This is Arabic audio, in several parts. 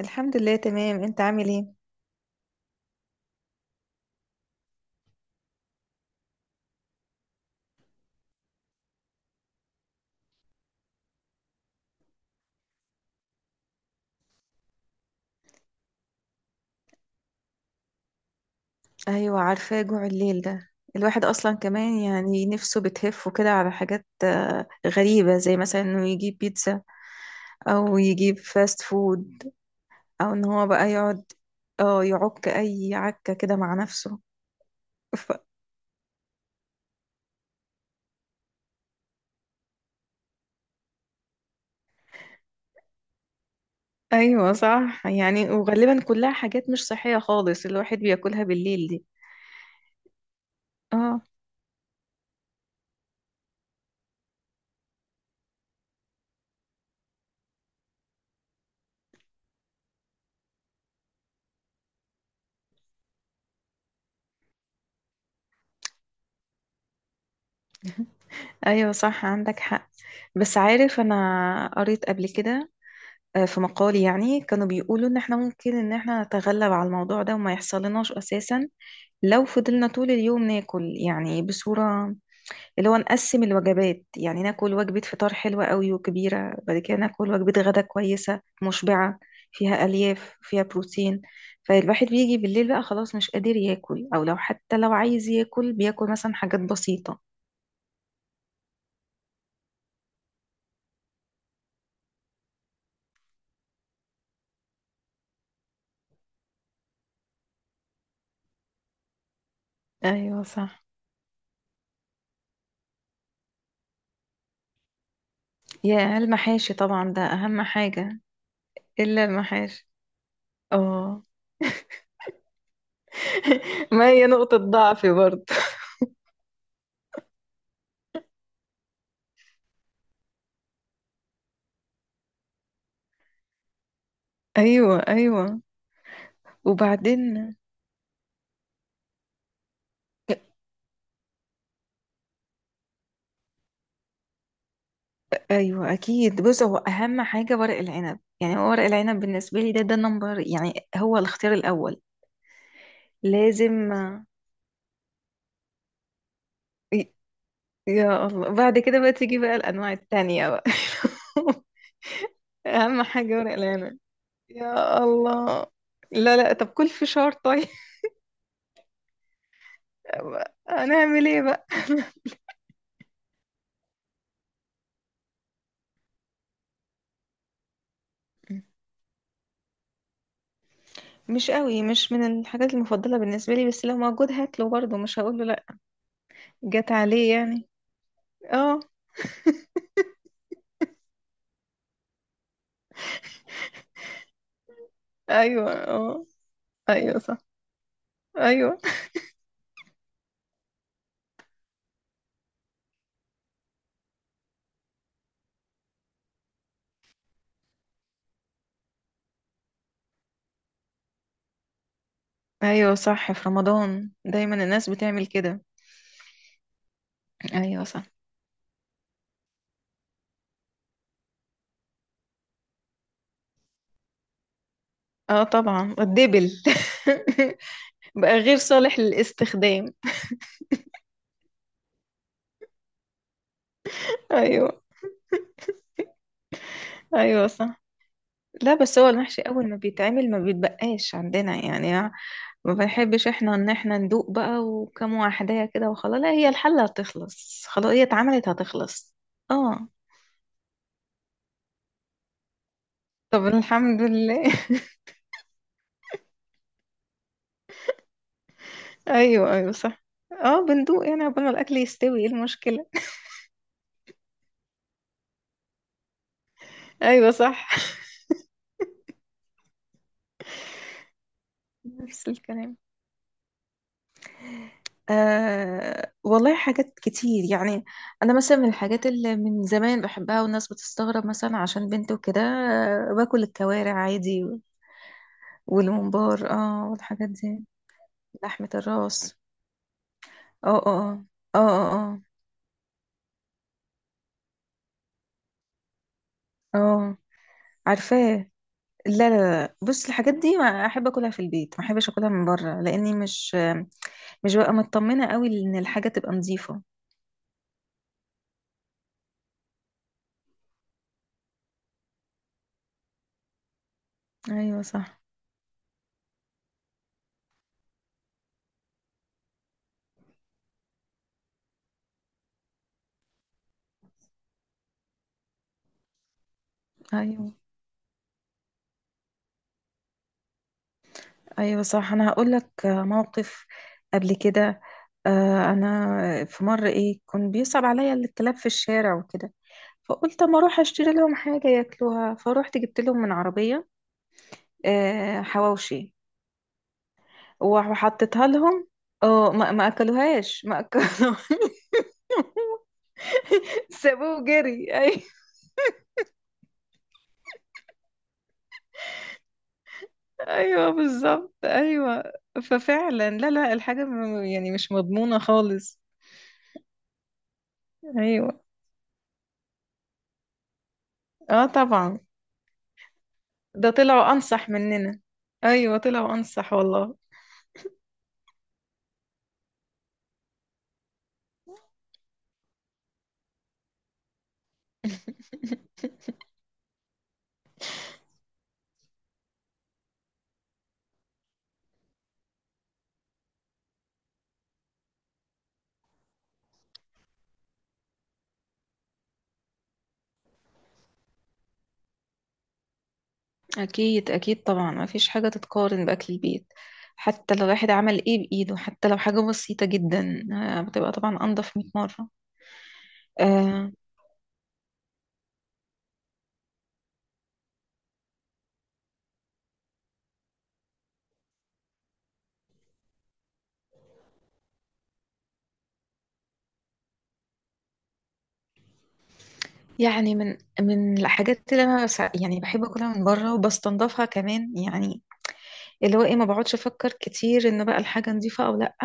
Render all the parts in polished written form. الحمد لله تمام، انت عامل ايه؟ ايوه عارفاه جوع الليل ده. الواحد اصلا كمان يعني نفسه بتهف كده على حاجات غريبة، زي مثلا انه يجيب بيتزا او يجيب فاست فود او ان هو بقى يقعد اه يعك اي عكة كده مع نفسه. ف... ايوه صح يعني، وغالبا كلها حاجات مش صحية خالص الواحد بياكلها بالليل دي. اه ايوه صح عندك حق. بس عارف انا قريت قبل كده، في مقالي يعني كانوا بيقولوا ان احنا ممكن ان احنا نتغلب على الموضوع ده وما يحصلناش اساسا، لو فضلنا طول اليوم ناكل يعني بصورة اللي هو نقسم الوجبات. يعني ناكل وجبة فطار حلوة قوي وكبيرة، بعد كده ناكل وجبة غدا كويسة مشبعة فيها ألياف فيها بروتين، فالواحد بيجي بالليل بقى خلاص مش قادر ياكل، او لو حتى لو عايز ياكل بياكل مثلا حاجات بسيطة. ايوه صح. يا المحاشي طبعا ده اهم حاجة. الا المحاشي. اه ما هي نقطة ضعفي برضه أيوة أيوة. وبعدين. أيوة أكيد، بص هو أهم حاجة ورق العنب. يعني هو ورق العنب بالنسبة لي ده نمبر، يعني هو الاختيار الأول. لازم. ي- يا الله بعد كده بقى تيجي بقى الأنواع التانية بقى أهم حاجة ورق العنب. يا الله. لا لا، طب كل فشار طيب. هنعمل ايه بقى مش قوي، مش من الحاجات المفضلة بالنسبة لي، بس لو موجود هاكله برضه، مش هقوله لا. جت عليه يعني. اه. ايوه. اه. ايوه صح. ايوه. ايوه صح، في رمضان دايما الناس بتعمل كده. ايوه صح. اه طبعا الدبل بقى غير صالح للاستخدام. ايوه. ايوه صح. لا بس هو المحشي اول ما بيتعمل ما بيتبقاش عندنا يعني. ما بنحبش احنا ان احنا ندوق بقى وكم واحدة كده وخلاص. لا هي الحلة هتخلص، خلاص هي اتعملت هتخلص. اه. طب الحمد لله ايوه ايوه صح. اه بندوق يعني عقبال ما الاكل يستوي، ايه المشكله؟ ايوه صح. نفس الكلام. آه والله حاجات كتير يعني. انا مثلا من الحاجات اللي من زمان بحبها والناس بتستغرب مثلا عشان بنت وكده، باكل الكوارع عادي، والممبار اه والحاجات دي. لحمة الراس. اه اه اه. اه اه اه. آه. عارفاه. لا لا. لا بص الحاجات دي ما احب اكلها في البيت، ما احبش اكلها من بره لاني مش ببقى مطمنة قوي ان الحاجة تبقى نظيفة. ايوه صح. ايوه ايوه صح. انا هقول لك موقف قبل كده. انا في مرة ايه كان بيصعب عليا الكلاب في الشارع وكده، فقلت اما اروح اشتري لهم حاجة ياكلوها، فروحت جبت لهم من عربية حواوشي وحطيتها لهم. اه ما اكلوهاش، ما اكلوها. سابوه وجري، ايوه. ايوه بالظبط ايوه. ففعلا لا لا، الحاجة يعني مش مضمونة خالص. ايوه. اه طبعا. ده طلعوا انصح مننا. ايوه طلعوا انصح والله. أكيد أكيد، طبعا مفيش حاجة تتقارن بأكل البيت. حتى لو الواحد عمل إيه بإيده، حتى لو حاجة بسيطة جدا، بتبقى طبعا أنضف 100 مرة. آه. يعني من من الحاجات اللي أنا يعني بحب أكلها من بره وبستنضفها كمان، يعني اللي هو ايه، ما بقعدش افكر كتير ان بقى الحاجة نظيفة او لأ: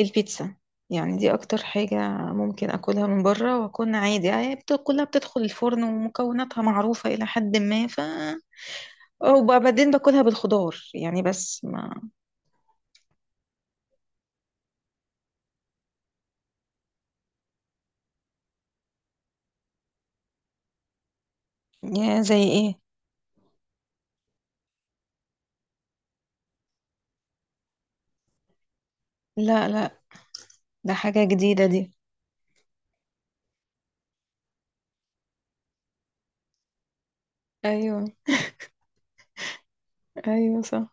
البيتزا. يعني دي اكتر حاجة ممكن اكلها من بره واكون عادي يعني. كلها بتدخل الفرن ومكوناتها معروفة الى حد ما، ف... وبعدين باكلها بالخضار يعني، بس ما... يا زي ايه؟ لا لا، ده حاجة جديدة دي. ايوه. ايوه صح.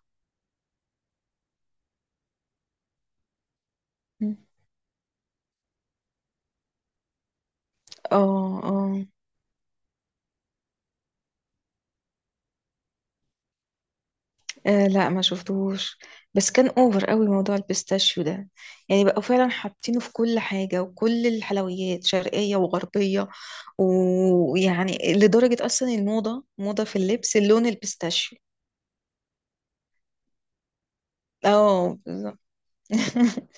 اه اه. آه لا ما شفتهوش، بس كان اوفر قوي موضوع البيستاشيو ده. يعني بقوا فعلا حاطينه في كل حاجة وكل الحلويات شرقية وغربية، ويعني لدرجة اصلا الموضة موضة في اللبس اللون البيستاشيو. اه بالظبط.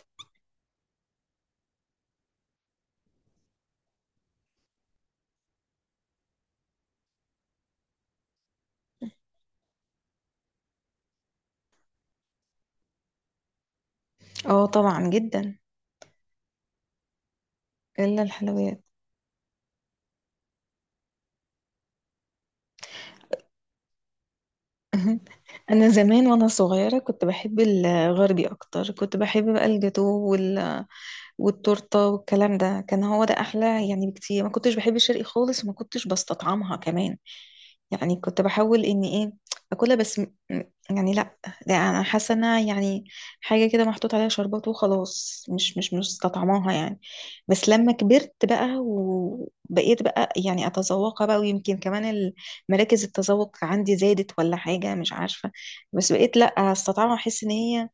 اه طبعا جدا. الا الحلويات. انا زمان وانا صغيره كنت بحب الغربي اكتر، كنت بحب بقى الجاتو وال... والتورته والكلام ده، كان هو ده احلى يعني بكتير، ما كنتش بحب الشرقي خالص وما كنتش بستطعمها كمان. يعني كنت بحاول اني ايه اكلها بس يعني لا، ده انا حاسه انها يعني حاجه كده محطوط عليها شربات وخلاص، مش مستطعماها يعني. بس لما كبرت بقى وبقيت بقى يعني اتذوقها بقى، ويمكن كمان مراكز التذوق عندي زادت ولا حاجة مش عارفة. بس بقيت لا، استطعم احس ان هي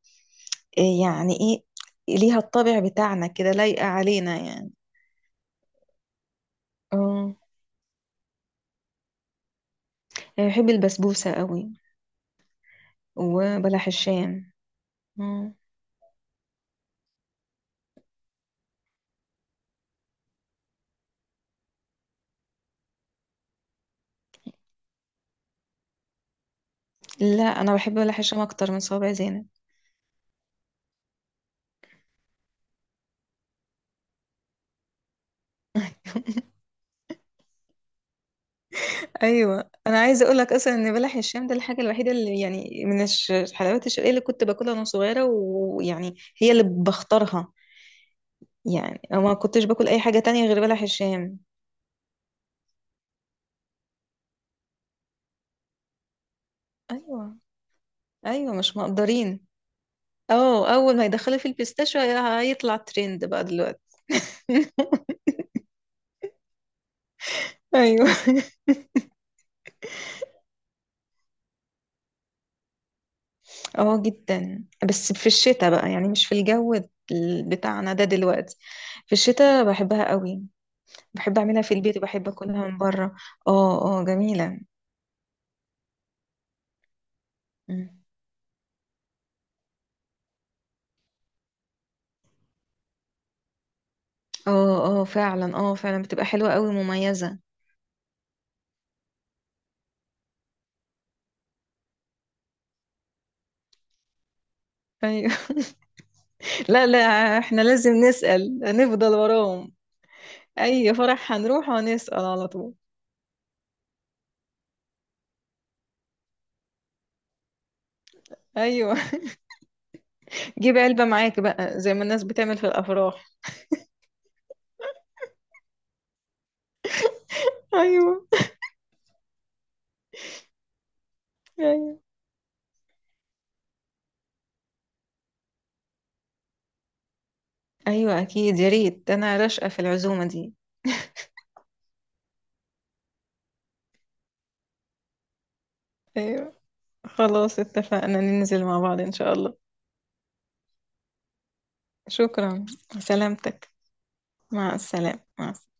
إيه يعني ايه، ليها الطابع بتاعنا كده، لايقة علينا يعني. اه. يعني بحب البسبوسة قوي وبلح الشام. مم. لا انا بحب بلح الشام اكتر من صوابع زينب. ايوه انا عايزه اقول لك اصلا ان بلح الشام ده الحاجه الوحيده اللي يعني من الحلويات الشرقيه اللي كنت باكلها وانا صغيره، ويعني هي اللي بختارها. يعني أنا ما كنتش باكل اي حاجه تانية غير بلح الشام. ايوه. ايوه مش مقدرين. اه اول ما يدخلوا في البيستاشيو هيطلع ترند بقى دلوقتي. ايوه. اه جدا. بس في الشتاء بقى، يعني مش في الجو بتاعنا ده دلوقتي. في الشتاء بحبها قوي. بحب اعملها في البيت وبحب اكلها من بره. اه اه جميلة. مم. اه اه فعلا، اه فعلا بتبقى حلوة قوي مميزة. ايوه. لا لا. احنا لازم نسأل نفضل وراهم. اي فرح هنروح هنسأل على طول. ايوه. جيب علبة معاك بقى زي ما الناس بتعمل في الأفراح. أيوة أيوة. أيوة أكيد، يا ريت، أنا راشقة في العزومة دي. أيوة. خلاص اتفقنا ننزل مع بعض إن شاء الله. شكرا. سلامتك. مع السلامة مع السلامة.